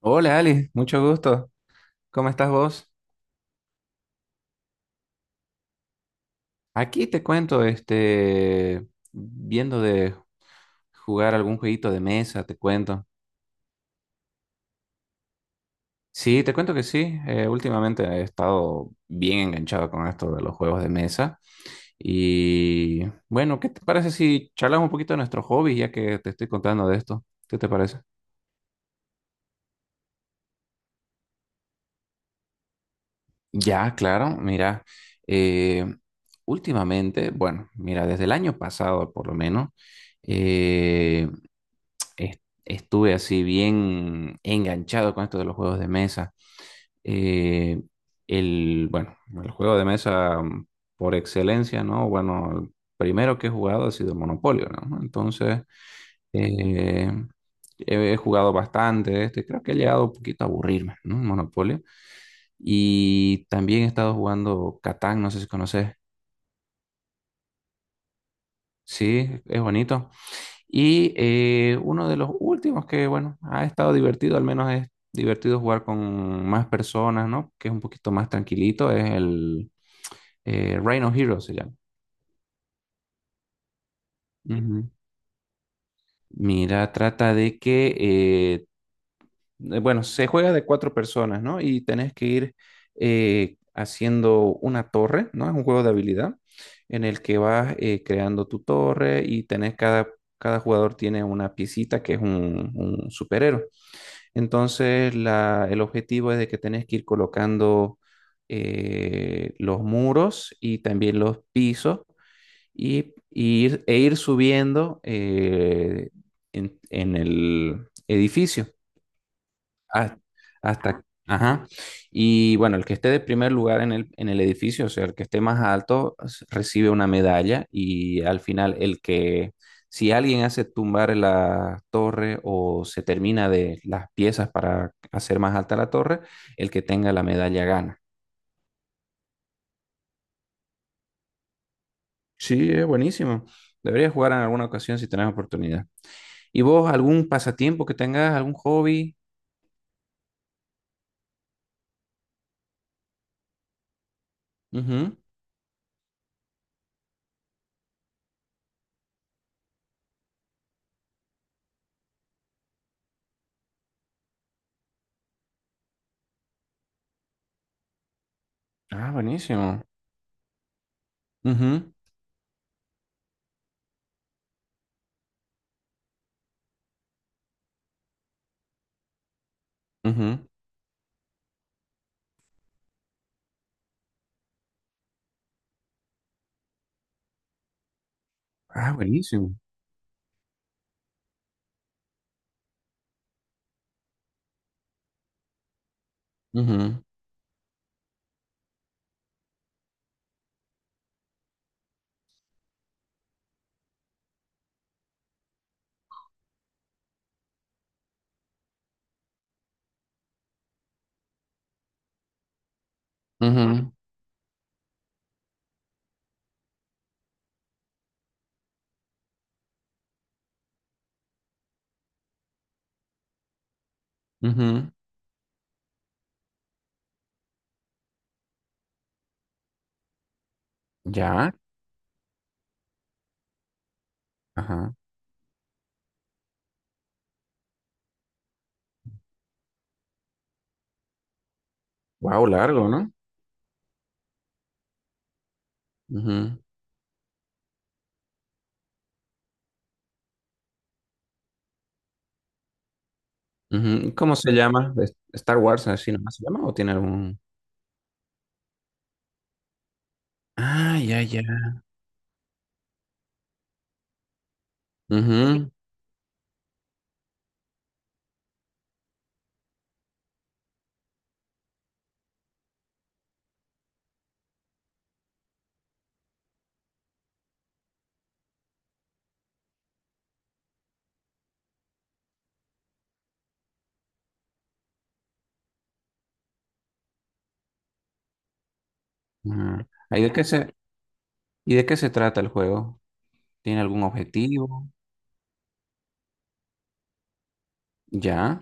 Hola Ali, mucho gusto. ¿Cómo estás vos? Aquí te cuento, este, viendo de jugar algún jueguito de mesa, te cuento. Sí, te cuento que sí. Últimamente he estado bien enganchado con esto de los juegos de mesa. Y bueno, ¿qué te parece si charlamos un poquito de nuestros hobbies, ya que te estoy contando de esto? ¿Qué te parece? Ya, claro, mira, eh, últimamente, bueno, mira, desde el año pasado por lo menos, eh, estuve así bien enganchado con esto de los juegos de mesa. Eh, bueno, el juego de mesa por excelencia, ¿no? Bueno, el primero que he jugado ha sido el Monopolio, ¿no? Entonces, eh, he jugado bastante, este, creo que he llegado un poquito a aburrirme, ¿no? El Monopolio. Y también he estado jugando Catán, no sé si conoces. Sí, es bonito. Y uno de los últimos que, bueno, ha estado divertido, al menos es divertido jugar con más personas, ¿no? Que es un poquito más tranquilito, es el Rhino Hero se llama. Ujú. Mira, trata de que, bueno, se juega de cuatro personas, ¿no? Y tenés que ir haciendo una torre, ¿no? Es un juego de habilidad en el que vas creando tu torre y cada jugador tiene una piecita que es un superhéroe. Entonces, el objetivo es de que tenés que ir colocando los muros y también los pisos y ir, e ir subiendo en el edificio. Has- Hasta, ajá. Y bueno, el que esté de primer lugar en el edificio, o sea, el que esté más alto, recibe una medalla y al final el que, si alguien hace tumbar la torre o se termina de las piezas para hacer más alta la torre, el que tenga la medalla gana. Sí, es buenísimo. Deberías jugar en alguna ocasión si tenés oportunidad. ¿Y vos algún pasatiempo que tengas, algún hobby? Ujú. Ah, buenísimo. Ujú, ujú. Ah, buenísimo. Ujú, ujú, ujú. Ya, ajá. Wow, largo, ¿no? Ujú, ujú. ¿Y ¿Cómo se llama? Star Wars así nomás se llama o tiene algún...? Ah, ya, ya. Ujú, ujú. Ah, ¿y de qué se y de qué se trata el juego? ¿Tiene algún objetivo? Ya.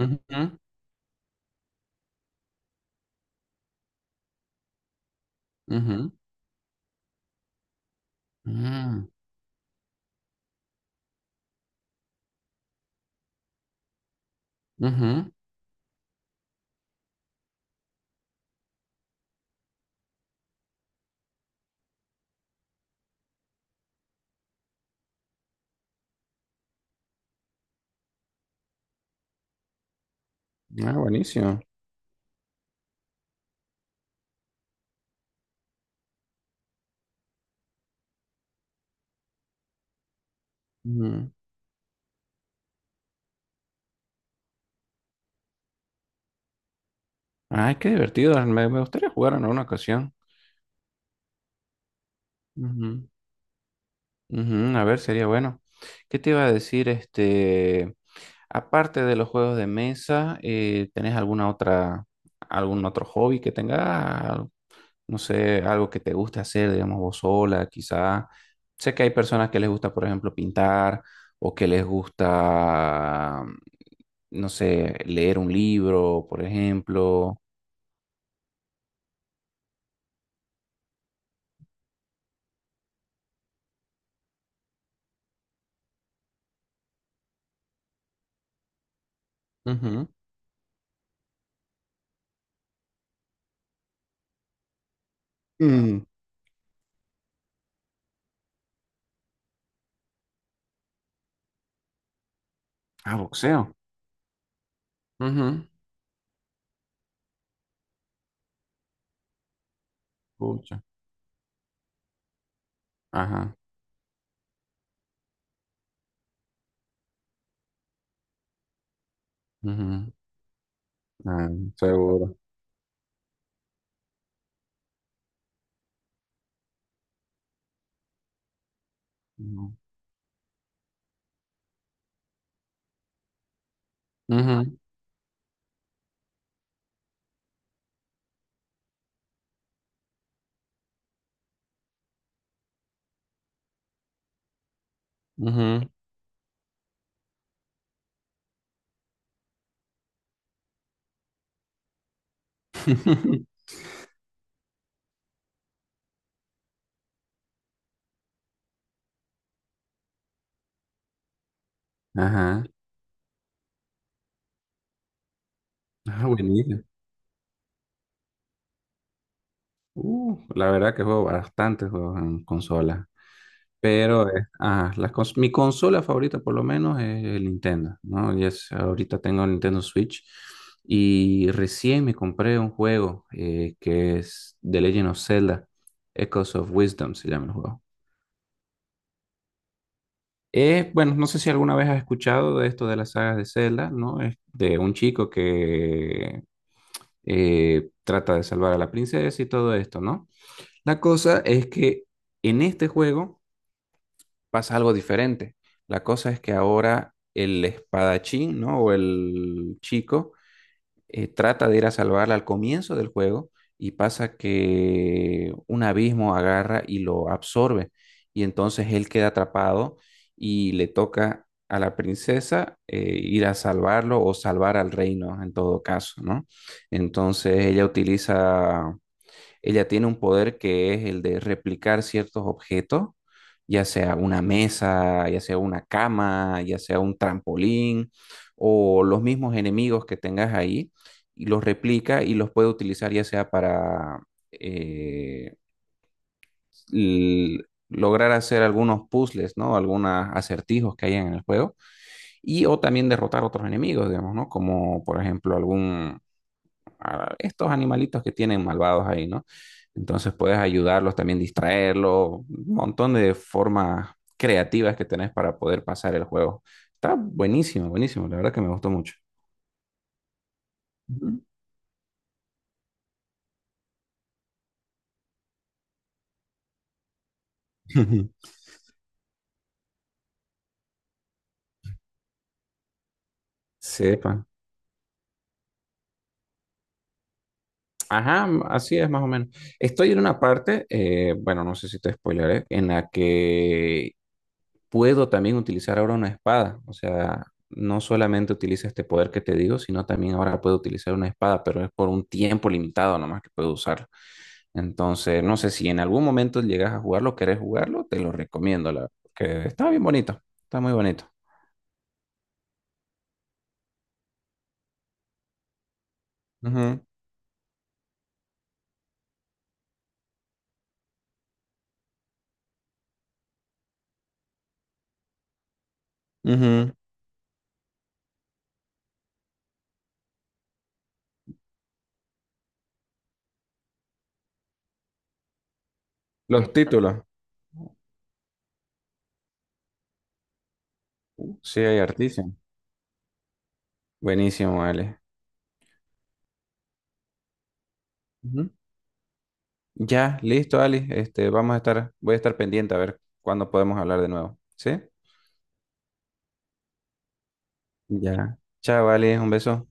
Ujú, ujú, mm, ujú. Ah, buenísimo. Ujú. Ay, qué divertido. Me gustaría jugar en alguna ocasión. Ujú, ujú. A ver, sería bueno. ¿Qué te iba a decir? Este... Aparte de los juegos de mesa, ¿tenés alguna otra, algún otro hobby que tengas? No sé, algo que te guste hacer, digamos, vos sola, quizá. Sé que hay personas que les gusta, por ejemplo, pintar o que les gusta, no sé, leer un libro, por ejemplo. Ujú. Mm. Ah, boxeo. Ujú. Pucha. Ajá. Ujú. Ah, seguro. Ujú. Ujú, ujú. Ajá. Ah, buenísimo. La verdad que juego bastantes juegos en consola, pero ajá, mi consola favorita por lo menos es el Nintendo, ¿no? Y es, ahorita tengo el Nintendo Switch y recién me compré un juego que es The Legend of Zelda, Echoes of Wisdom se llama el juego. Bueno, no sé si alguna vez has escuchado de esto de las sagas de Zelda, ¿no? Es de un chico que trata de salvar a la princesa y todo esto, ¿no? La cosa es que en este juego pasa algo diferente. La cosa es que ahora el espadachín, ¿no? O el chico trata de ir a salvarla al comienzo del juego y pasa que un abismo agarra y lo absorbe. Y entonces él queda atrapado y le toca a la princesa ir a salvarlo o salvar al reino en todo caso, ¿no? Entonces ella tiene un poder que es el de replicar ciertos objetos, ya sea una mesa, ya sea una cama, ya sea un trampolín o los mismos enemigos que tengas ahí, y los replica y los puede utilizar ya sea para eh, lograr hacer algunos puzzles, ¿no? Algunos acertijos que hay en el juego y o también derrotar otros enemigos, digamos, ¿no? Como por ejemplo algún a estos animalitos que tienen malvados ahí, ¿no? Entonces puedes ayudarlos, también distraerlos, un montón de formas creativas que tenés para poder pasar el juego. Está buenísimo, buenísimo, la verdad que me gustó mucho. Ujú. Sepa. Ajá, así es más o menos. Estoy en una parte, bueno, no sé si te spoileré, en la que puedo también utilizar ahora una espada. O sea, no solamente utiliza este poder que te digo, sino también ahora puedo utilizar una espada, pero es por un tiempo limitado nomás que puedo usarlo. Entonces, no sé si en algún momento llegas a jugarlo, querés jugarlo, te lo recomiendo, que está bien bonito, está muy bonito. Ujú, ujú. Los títulos, sí, hay artísimo. Buenísimo, Ale. Ujú. Ya, listo, Ali. Este, vamos a estar, voy a estar pendiente a ver cuándo podemos hablar de nuevo. ¿Sí? Ya. Chao, Ale, un beso.